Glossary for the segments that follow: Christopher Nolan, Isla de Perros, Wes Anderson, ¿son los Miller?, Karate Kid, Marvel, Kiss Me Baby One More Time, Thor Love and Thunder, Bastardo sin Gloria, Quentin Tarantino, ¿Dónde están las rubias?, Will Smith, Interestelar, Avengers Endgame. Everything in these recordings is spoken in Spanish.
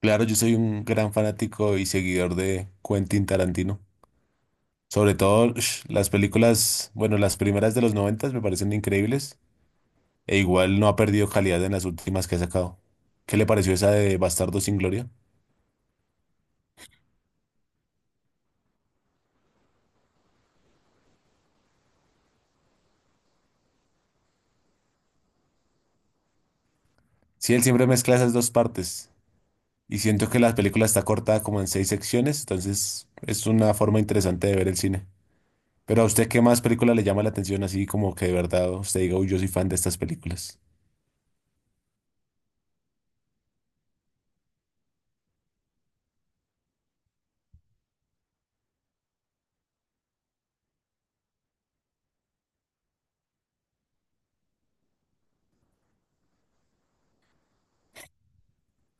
Claro, yo soy un gran fanático y seguidor de Quentin Tarantino. Sobre todo las películas, bueno, las primeras de los noventas me parecen increíbles e igual no ha perdido calidad en las últimas que ha sacado. ¿Qué le pareció esa de Bastardo sin Gloria? Sí, él siempre mezcla esas dos partes y siento que la película está cortada como en seis secciones, entonces es una forma interesante de ver el cine. Pero a usted, ¿qué más película le llama la atención así como que de verdad usted diga, uy, yo soy fan de estas películas?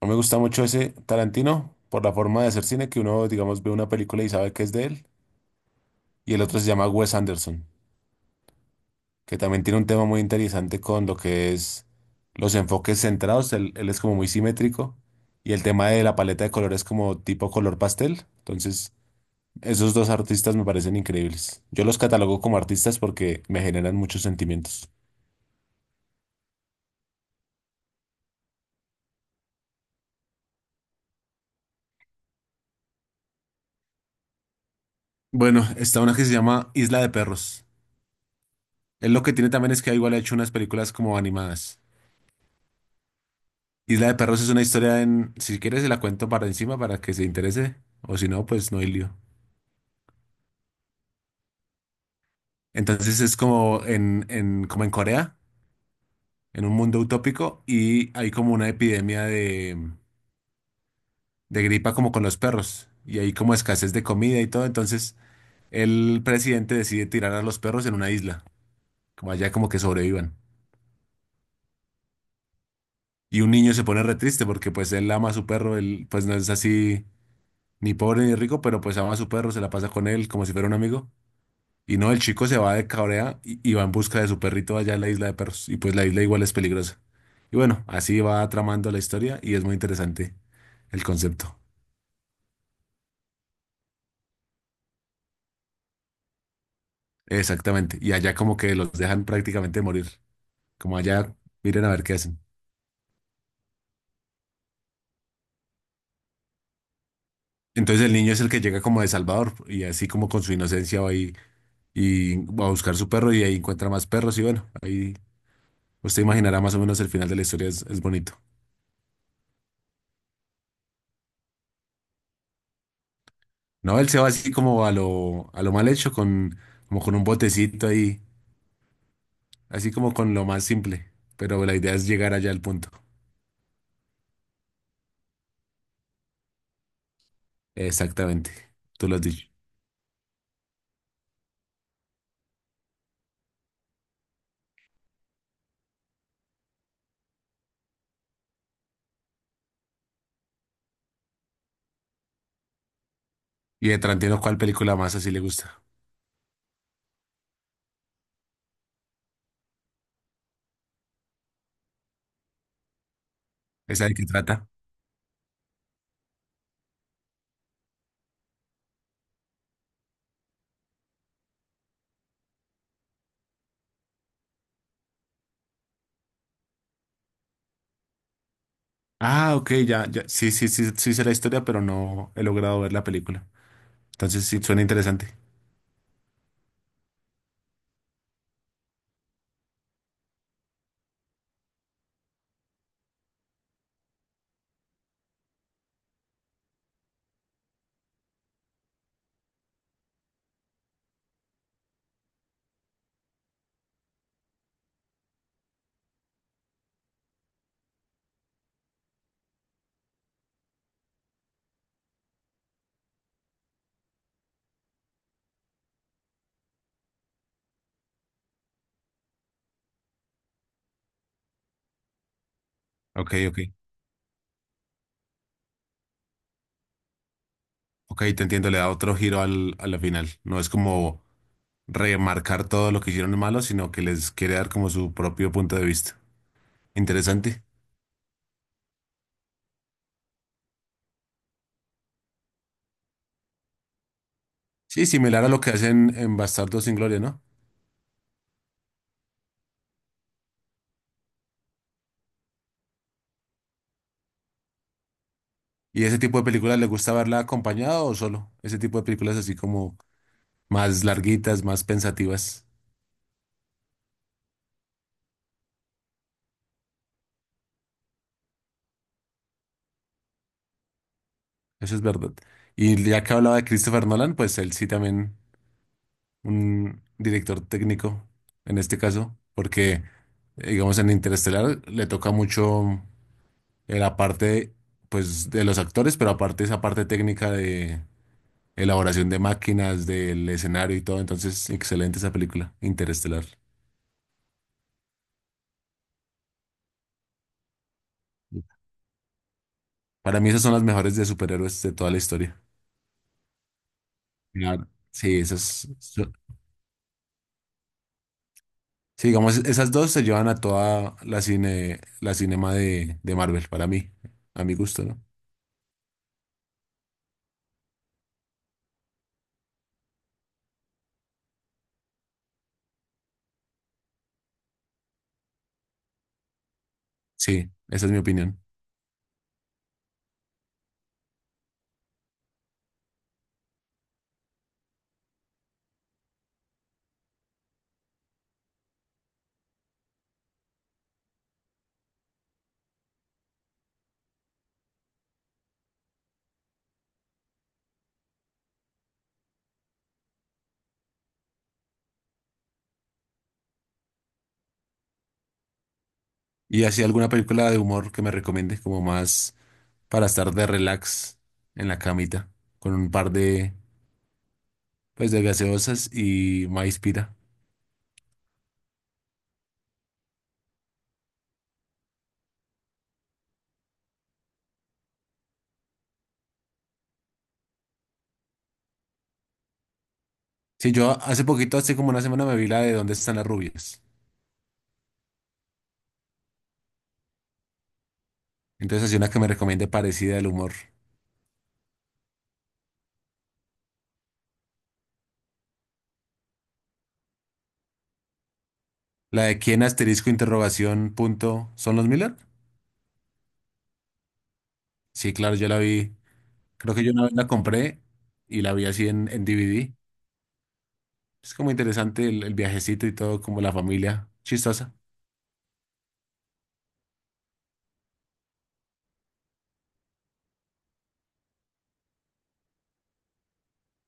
A mí me gusta mucho ese Tarantino por la forma de hacer cine que uno, digamos, ve una película y sabe que es de él. Y el otro se llama Wes Anderson, que también tiene un tema muy interesante con lo que es los enfoques centrados. Él es como muy simétrico. Y el tema de la paleta de colores como tipo color pastel. Entonces, esos dos artistas me parecen increíbles. Yo los catalogo como artistas porque me generan muchos sentimientos. Bueno, está una que se llama Isla de Perros. Él lo que tiene también es que igual ha hecho unas películas como animadas. Isla de Perros es una historia en, si quieres se la cuento para encima para que se interese, o si no, pues no hay lío. Entonces es como como en Corea, en un mundo utópico, y hay como una epidemia de gripa como con los perros, y hay como escasez de comida y todo, entonces el presidente decide tirar a los perros en una isla, como allá como que sobrevivan. Y un niño se pone re triste porque pues él ama a su perro, él pues no es así ni pobre ni rico, pero pues ama a su perro, se la pasa con él como si fuera un amigo. Y no, el chico se va de cabrea y va en busca de su perrito allá en la isla de perros. Y pues la isla igual es peligrosa. Y bueno, así va tramando la historia y es muy interesante el concepto. Exactamente. Y allá como que los dejan prácticamente morir. Como allá, miren a ver qué hacen. Entonces el niño es el que llega como de Salvador y así como con su inocencia y va a buscar su perro y ahí encuentra más perros y bueno, ahí usted imaginará más o menos el final de la historia es bonito. No, él se va así como a a lo mal hecho como con un botecito ahí. Así como con lo más simple, pero la idea es llegar allá al punto. Exactamente, tú lo has dicho. Y de Tarantino, ¿cuál película más así le gusta? ¿Esa de qué trata? Ah, ok, ya, ya. Sí, sí, sí, sí sé la historia, pero no he logrado ver la película. Entonces sí, suena interesante. Ok, ok. Ok, te entiendo, le da otro giro a la final. No es como remarcar todo lo que hicieron malo, sino que les quiere dar como su propio punto de vista. Interesante. Sí, similar a lo que hacen en Bastardos sin Gloria, ¿no? ¿Y ese tipo de películas le gusta verla acompañado o solo? Ese tipo de películas así como más larguitas, más pensativas. Eso es verdad. Y ya que hablaba de Christopher Nolan, pues él sí también un director técnico en este caso, porque digamos en Interestelar le toca mucho la parte pues de los actores, pero aparte esa parte técnica de elaboración de máquinas, del escenario y todo. Entonces, excelente esa película, Interestelar. Para mí esas son las mejores de superhéroes de toda la historia. Claro. Sí, esas, sí, digamos, esas dos se llevan a toda la cine, la cinema de Marvel, para mí, a mi gusto, ¿no? Sí, esa es mi opinión. ¿Y así alguna película de humor que me recomiende, como más para estar de relax en la camita, con un par de, pues, de gaseosas y maíz pira? Sí, yo hace poquito, hace como una semana, me vi la de ¿Dónde están las rubias? Entonces, así una que me recomiende parecida al humor. La de quién asterisco interrogación punto, ¿son los Miller? Sí, claro, yo la vi. Creo que yo una vez la compré y la vi así en DVD. Es como interesante el viajecito y todo, como la familia. Chistosa.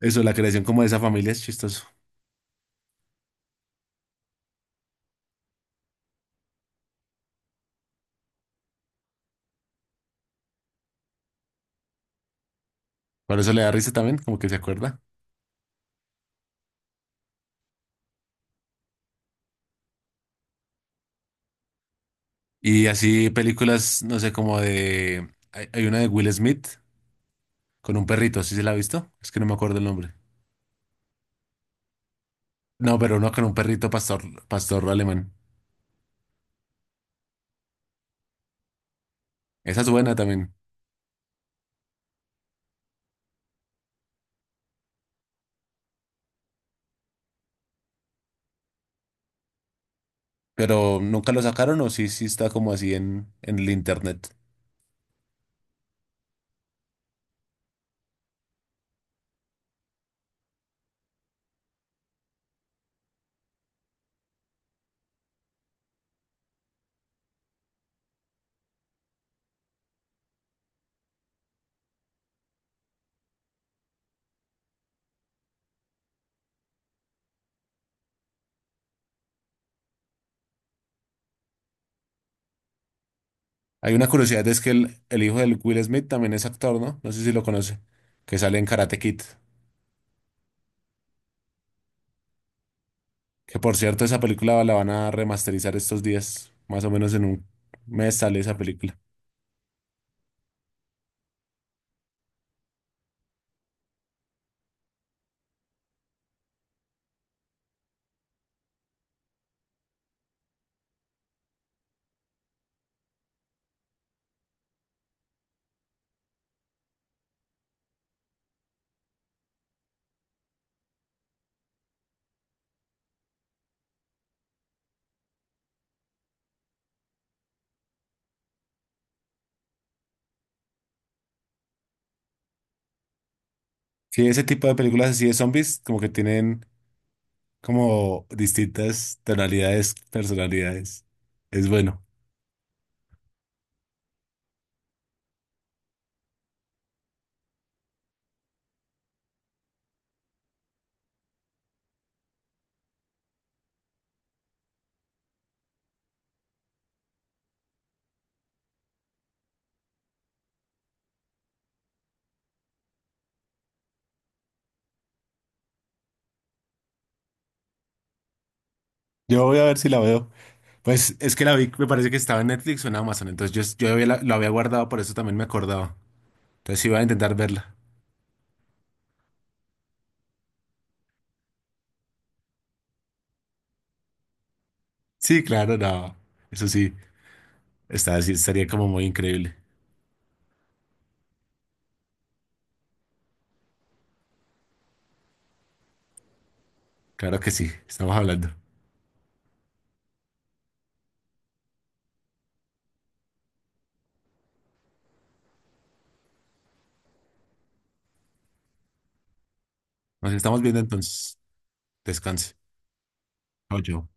Eso, la creación como de esa familia es chistoso. Por eso le da risa también, como que se acuerda. Y así películas, no sé, como de... hay una de Will Smith con un perrito, ¿sí se la ha visto? Es que no me acuerdo el nombre. No, pero uno con un perrito pastor, pastor alemán. Esa es buena también. Pero nunca lo sacaron o sí, sí está como así en el internet. Hay una curiosidad, es que el hijo del Will Smith también es actor, ¿no? No sé si lo conoce, que sale en Karate Kid. Que por cierto, esa película la van a remasterizar estos días, más o menos en un mes sale esa película. Sí, ese tipo de películas así de zombies, como que tienen como distintas tonalidades, personalidades. Es bueno. Yo voy a ver si la veo. Pues es que la vi, me parece que estaba en Netflix o en Amazon, entonces yo había lo había guardado, por eso también me acordaba. Entonces iba a intentar verla. Sí, claro, no, eso sí. Está, sí, estaría como muy increíble. Claro que sí, estamos hablando. Nos estamos viendo entonces. Descanse. Chao, chao.